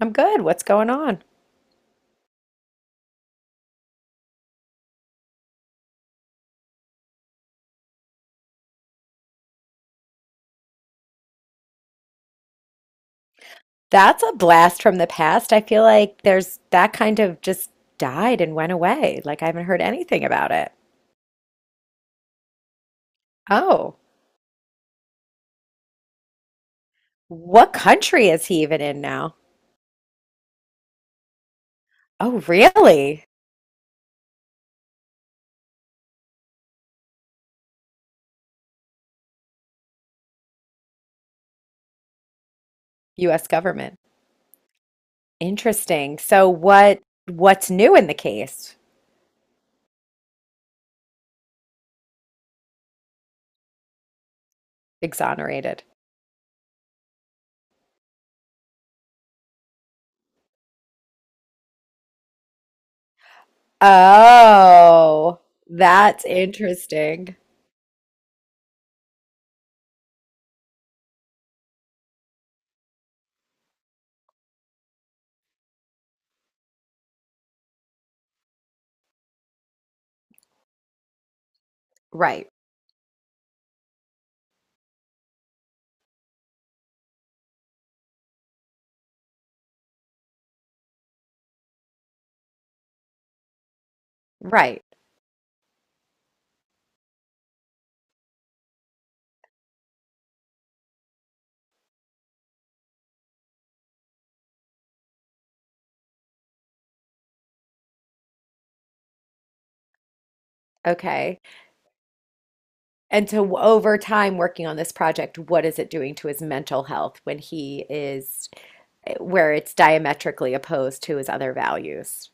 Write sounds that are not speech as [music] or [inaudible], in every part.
I'm good. What's going on? That's a blast from the past. I feel like there's that kind of just died and went away. Like I haven't heard anything about it. Oh, what country is he even in now? Oh, really? US government. Interesting. So what's new in the case? Exonerated. Oh, that's interesting. Right. Right. Okay. And so, over time working on this project, what is it doing to his mental health when he is where it's diametrically opposed to his other values?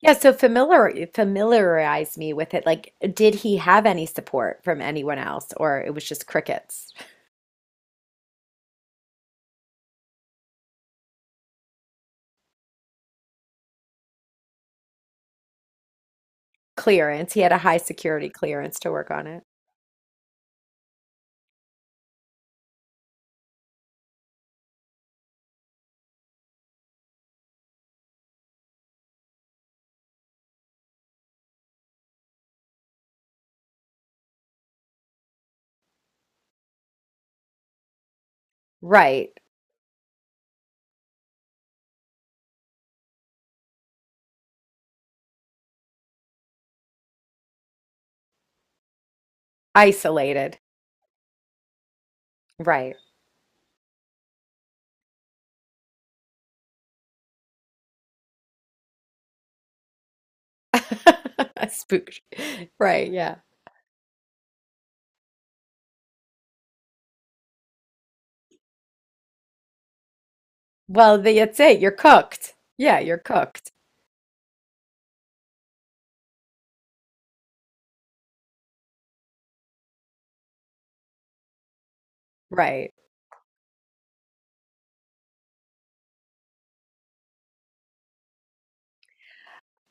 Yeah, so familiarize me with it. Like, did he have any support from anyone else, or it was just crickets? Clearance. He had a high security clearance to work on it. Right. Isolated. Right. [laughs] Spooked. Right, yeah. Well, that's it. You're cooked. Yeah, you're cooked. Right.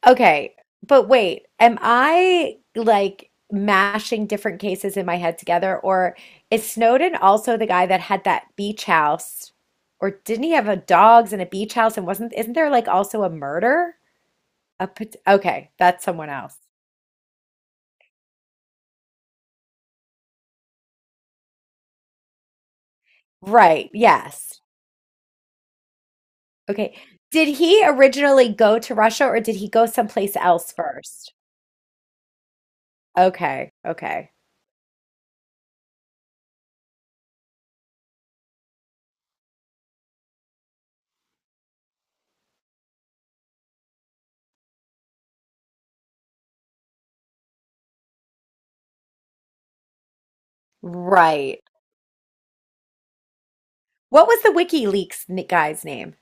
Okay, but wait, am I like mashing different cases in my head together, or is Snowden also the guy that had that beach house, or didn't he have a dogs and a beach house and wasn't, isn't there like also a murder? Okay, that's someone else. Right, yes. Okay. Did he originally go to Russia or did he go someplace else first? Okay, okay. Right. What was the guy's name?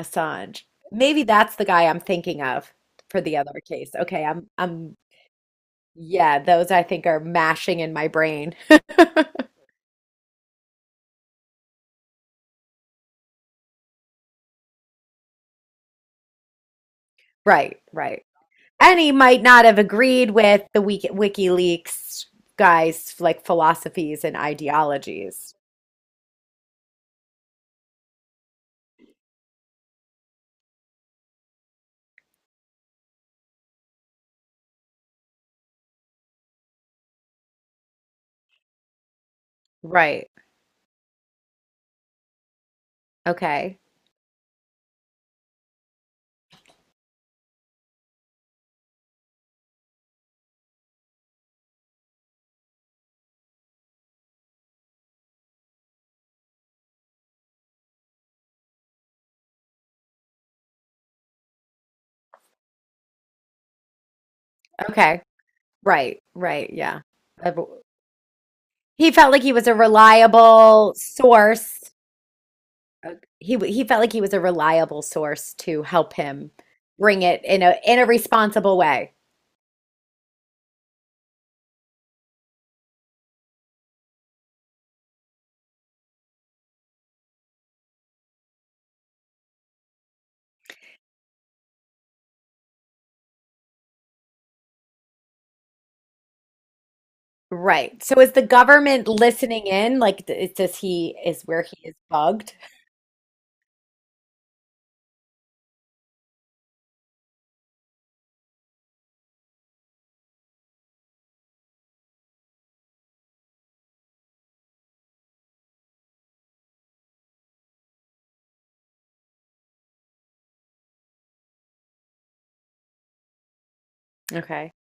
Assange. Maybe that's the guy I'm thinking of for the other case. Okay, I'm yeah, those I think are mashing in my brain. [laughs] Right, right. And he might not have agreed with the WikiLeaks guys' like philosophies and ideologies. Right. Okay. Okay. Right, right. Yeah. Uh, He felt like he was a reliable source uh, he w- he felt like he was a reliable source to help him bring it in a responsible way. Right. So is the government listening in? Like, does he is where he is bugged? Okay.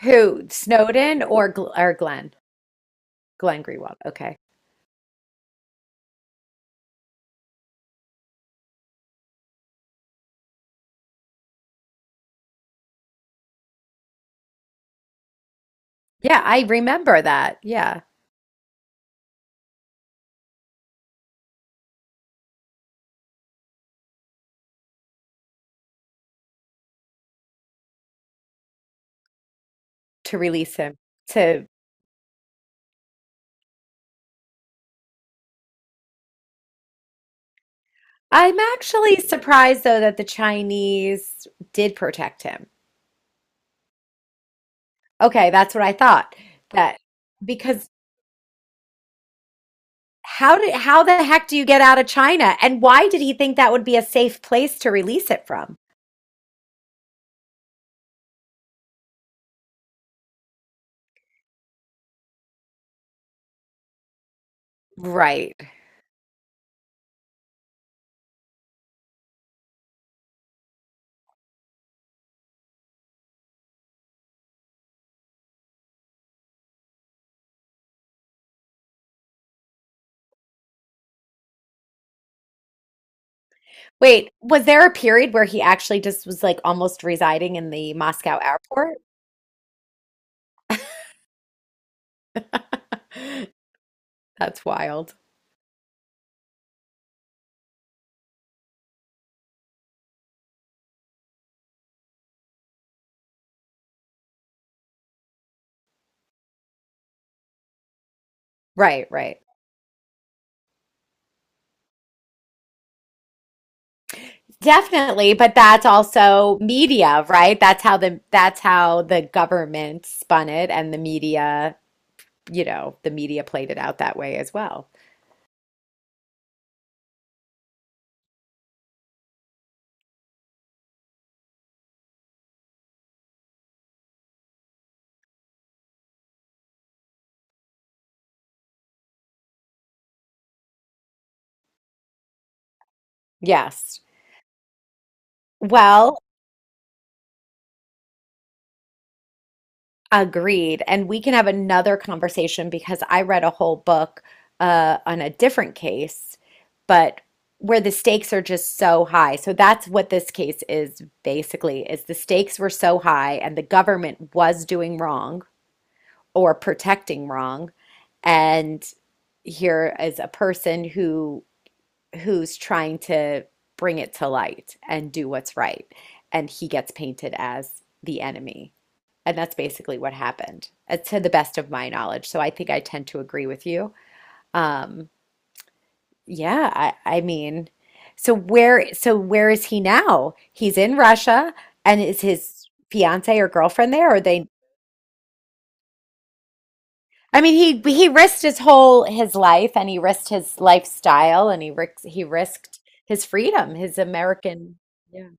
Who? Snowden or Gl or Glenn? Glenn Greenwald. Okay. Yeah, I remember that. Yeah, to release him. To I'm actually surprised though that the Chinese did protect him. Okay, that's what I thought. That because how did how the heck do you get out of China? And why did he think that would be a safe place to release it from? Right. Wait, was there a period where he actually just was like almost residing in the Moscow airport? That's wild. Right, right. Definitely, but that's also media, right? That's how the government spun it and the media, you know, the media played it out that way as well. Yes. Well, agreed. And we can have another conversation because I read a whole book on a different case, but where the stakes are just so high. So that's what this case is basically, is the stakes were so high and the government was doing wrong or protecting wrong. And here is a person who's trying to bring it to light and do what's right. And he gets painted as the enemy. And that's basically what happened, to the best of my knowledge. So I think I tend to agree with you. Um, yeah, I mean, so where is he now? He's in Russia, and is his fiance or girlfriend there? Or they? I mean, he risked his whole his life, and he risked his lifestyle, and he risked his freedom, his American. Yeah.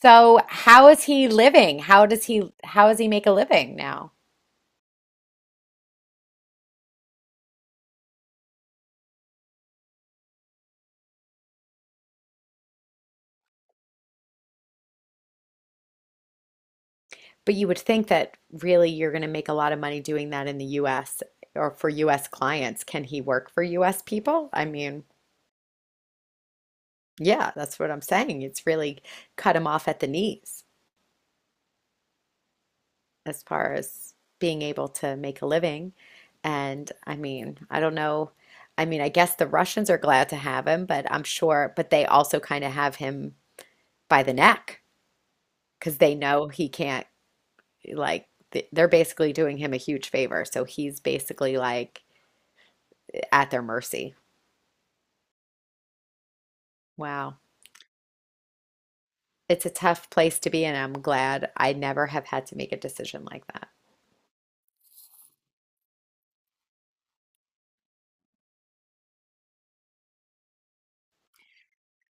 So how is he living? How does he make a living now? But you would think that really you're going to make a lot of money doing that in the US or for US clients. Can he work for US people? I mean, yeah, that's what I'm saying. It's really cut him off at the knees as far as being able to make a living. And I mean, I don't know. I mean, I guess the Russians are glad to have him, but I'm sure, but they also kind of have him by the neck because they know he can't, like, they're basically doing him a huge favor. So he's basically like at their mercy. Wow. It's a tough place to be and I'm glad I never have had to make a decision like that.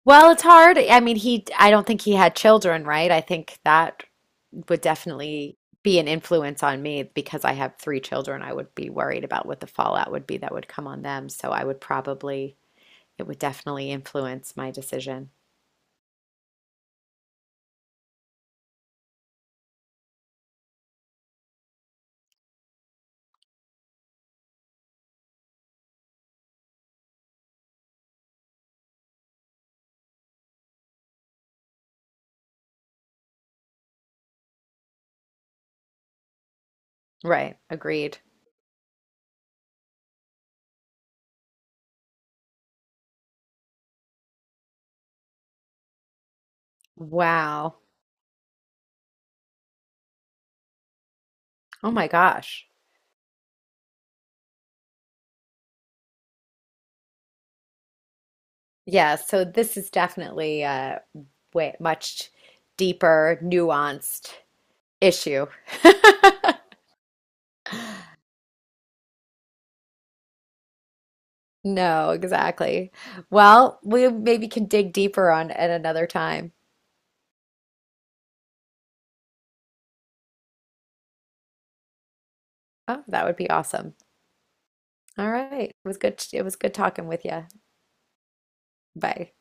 Well, it's hard. I mean, I don't think he had children, right? I think that would definitely be an influence on me because I have three children. I would be worried about what the fallout would be that would come on them. So I would probably, it would definitely influence my decision. Right. Agreed. Wow. Oh my gosh. Yeah. So this is definitely way much deeper, nuanced issue. [laughs] No, exactly. Well, we maybe can dig deeper on at another time. Oh, that would be awesome. All right. It was good. It was good talking with you. Bye.